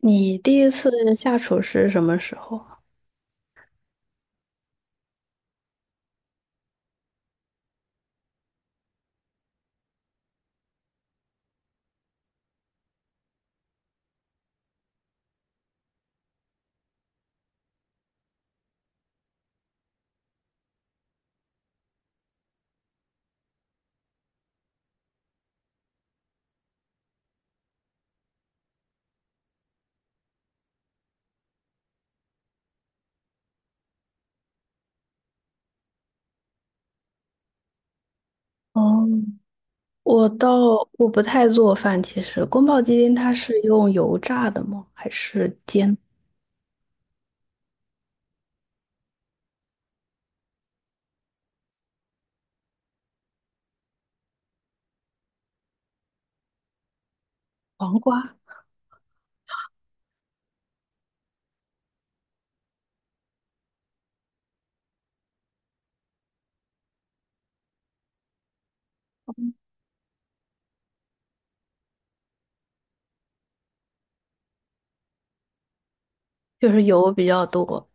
你第一次下厨是什么时候？哦，我倒不太做饭，其实宫保鸡丁它是用油炸的吗？还是煎黄瓜？就是油比较多。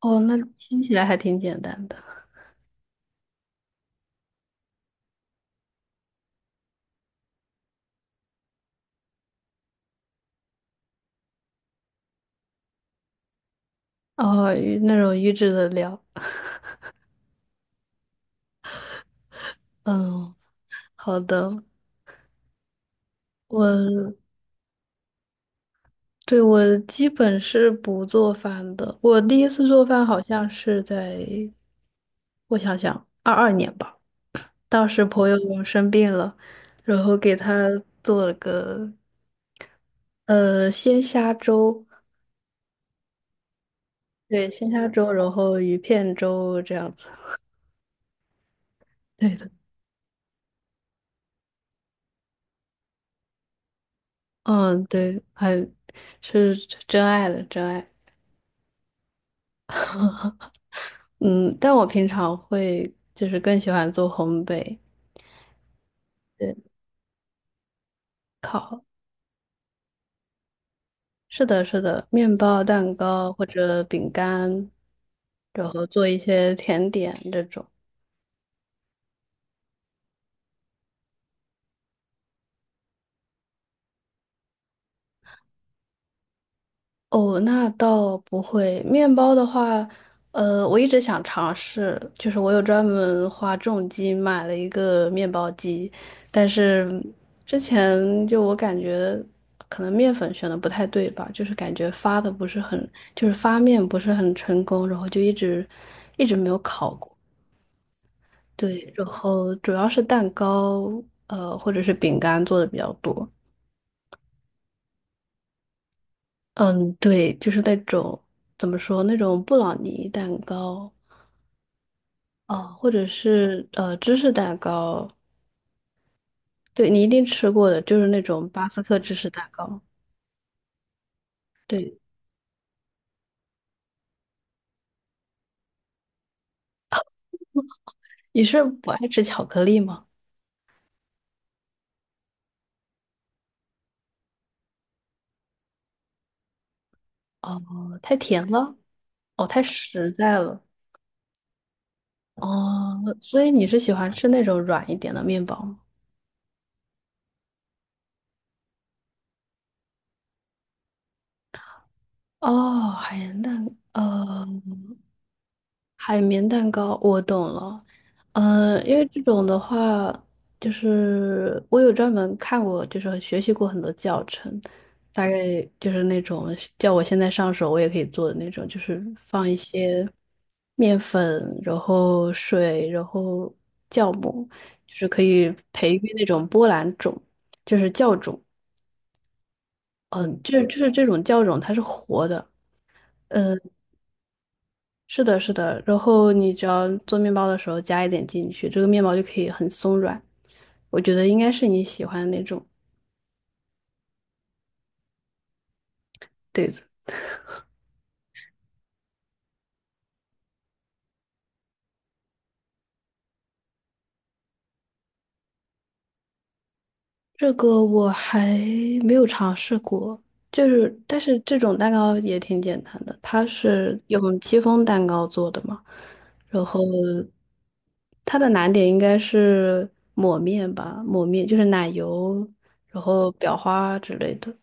哦，那听起来还挺简单的。哦，预那种预制的料。嗯，好的。我对我基本是不做饭的。我第一次做饭好像是在，我想想，二二年吧。当时朋友生病了，然后给他做了个鲜虾粥，对，鲜虾粥，然后鱼片粥这样子。对的，嗯，对，还是真爱的真爱。嗯，但我平常会就是更喜欢做烘焙，对，烤，是的，是的，面包、蛋糕或者饼干，然后做一些甜点这种。哦，那倒不会。面包的话，我一直想尝试，就是我有专门花重金买了一个面包机，但是之前就我感觉可能面粉选的不太对吧，就是感觉发的不是很，就是发面不是很成功，然后就一直没有烤过。对，然后主要是蛋糕，或者是饼干做的比较多。嗯，对，就是那种怎么说那种布朗尼蛋糕，哦，或者是芝士蛋糕，对你一定吃过的，就是那种巴斯克芝士蛋糕。对，你是不爱吃巧克力吗？哦，太甜了，哦，太实在了，哦，所以你是喜欢吃那种软一点的面包吗？哦，海盐蛋，呃，海绵蛋糕，我懂了。因为这种的话，就是我有专门看过，就是学习过很多教程，大概就是那种叫我现在上手我也可以做的那种，就是放一些面粉，然后水，然后酵母，就是可以培育那种波兰种，就是酵种。嗯、这就是这种酵种它是活的。嗯。是的，是的。然后你只要做面包的时候加一点进去，这个面包就可以很松软。我觉得应该是你喜欢的那种对子。这个我还没有尝试过，就是但是这种蛋糕也挺简单的，它是用戚风蛋糕做的嘛，然后它的难点应该是抹面吧，抹面就是奶油，然后裱花之类的。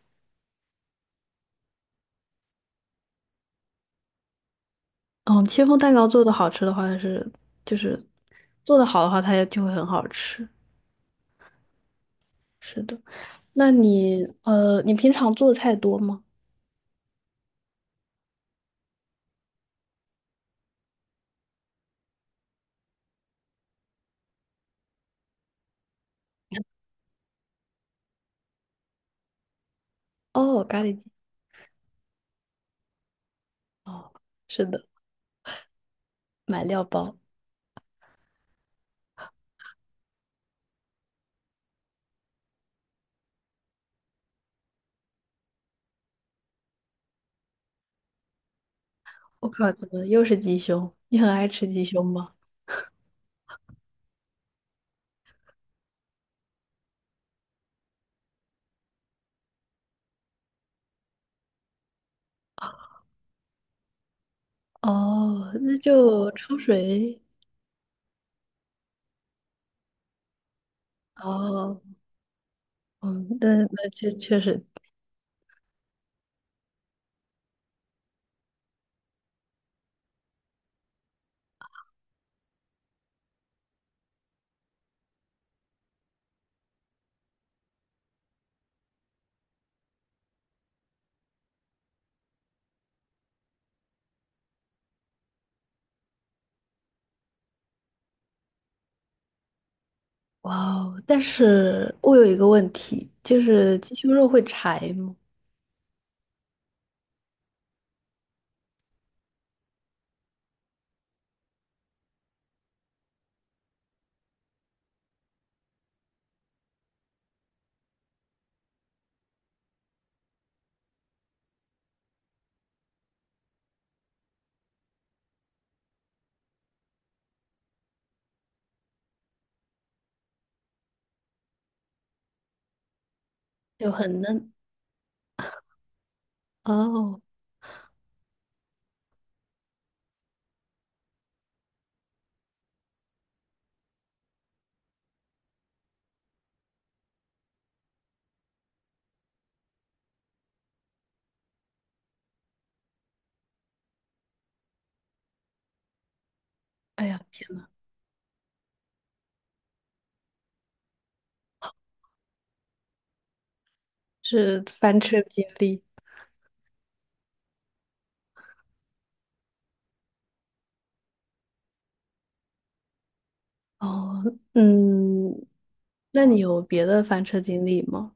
嗯，戚风蛋糕做的好吃的话，它是就是做的好的话，它也就会很好吃。是的，那你你平常做菜多吗？哦，咖喱鸡。哦，是的，买料包。我靠，怎么又是鸡胸？你很爱吃鸡胸吗？哦，那就焯水。哦，嗯，那确确实，哇哦！但是我有一个问题，就是鸡胸肉会柴吗？就很嫩。哦，哎呀，天。是翻车经历哦，嗯，那你有别的翻车经历吗？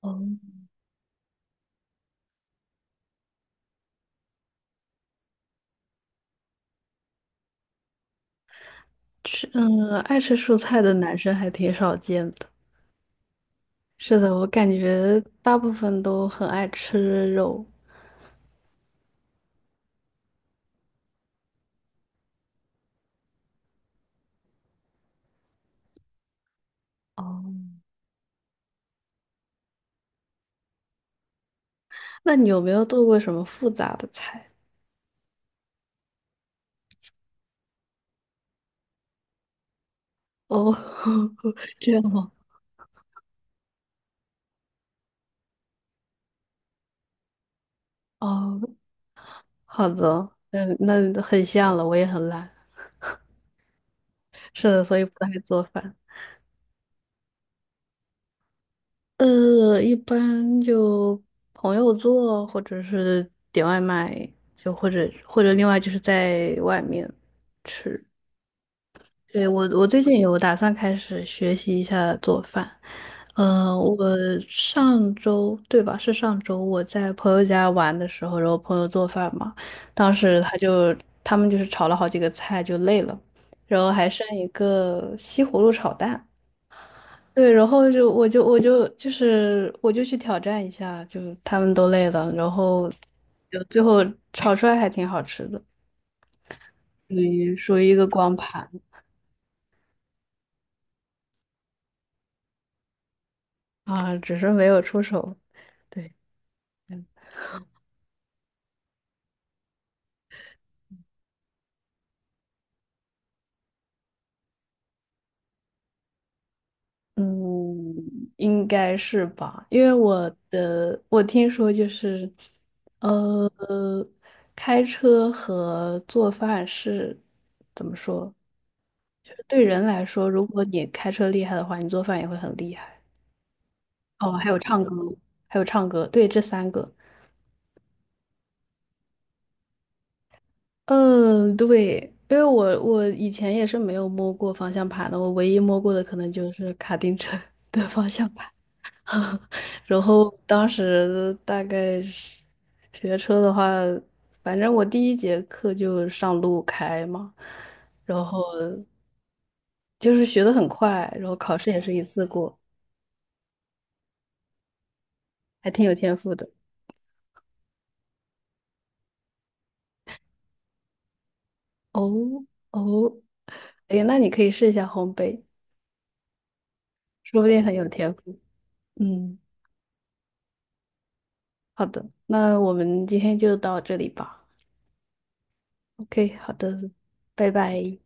哦，吃，嗯，爱吃蔬菜的男生还挺少见的。是的，我感觉大部分都很爱吃肉。哦，那你有没有做过什么复杂的菜？哦，这样吗？哦，好的，嗯，那很像了，我也很懒。是的，所以不太做饭。一般就朋友做，或者是点外卖，就或者另外就是在外面吃。对，我最近有打算开始学习一下做饭。呃，我上周，对吧？是上周我在朋友家玩的时候，然后朋友做饭嘛，当时他们就是炒了好几个菜，就累了，然后还剩一个西葫芦炒蛋。对，然后就我就去挑战一下，就他们都累了，然后就最后炒出来还挺好吃的，属于一个光盘啊，只是没有出手。对，嗯，应该是吧，因为我听说就是，呃，开车和做饭是怎么说？就是对人来说，如果你开车厉害的话，你做饭也会很厉害。哦，还有唱歌，还有唱歌，对，这三个。嗯，对，因为我以前也是没有摸过方向盘的，我唯一摸过的可能就是卡丁车 的方向盘。然后当时大概是学车的话，反正我第一节课就上路开嘛，然后就是学的很快，然后考试也是一次过，还挺有天赋的。哦哦，哎，那你可以试一下烘焙。说不定很有天赋。嗯，好的，那我们今天就到这里吧。OK，好的，拜拜。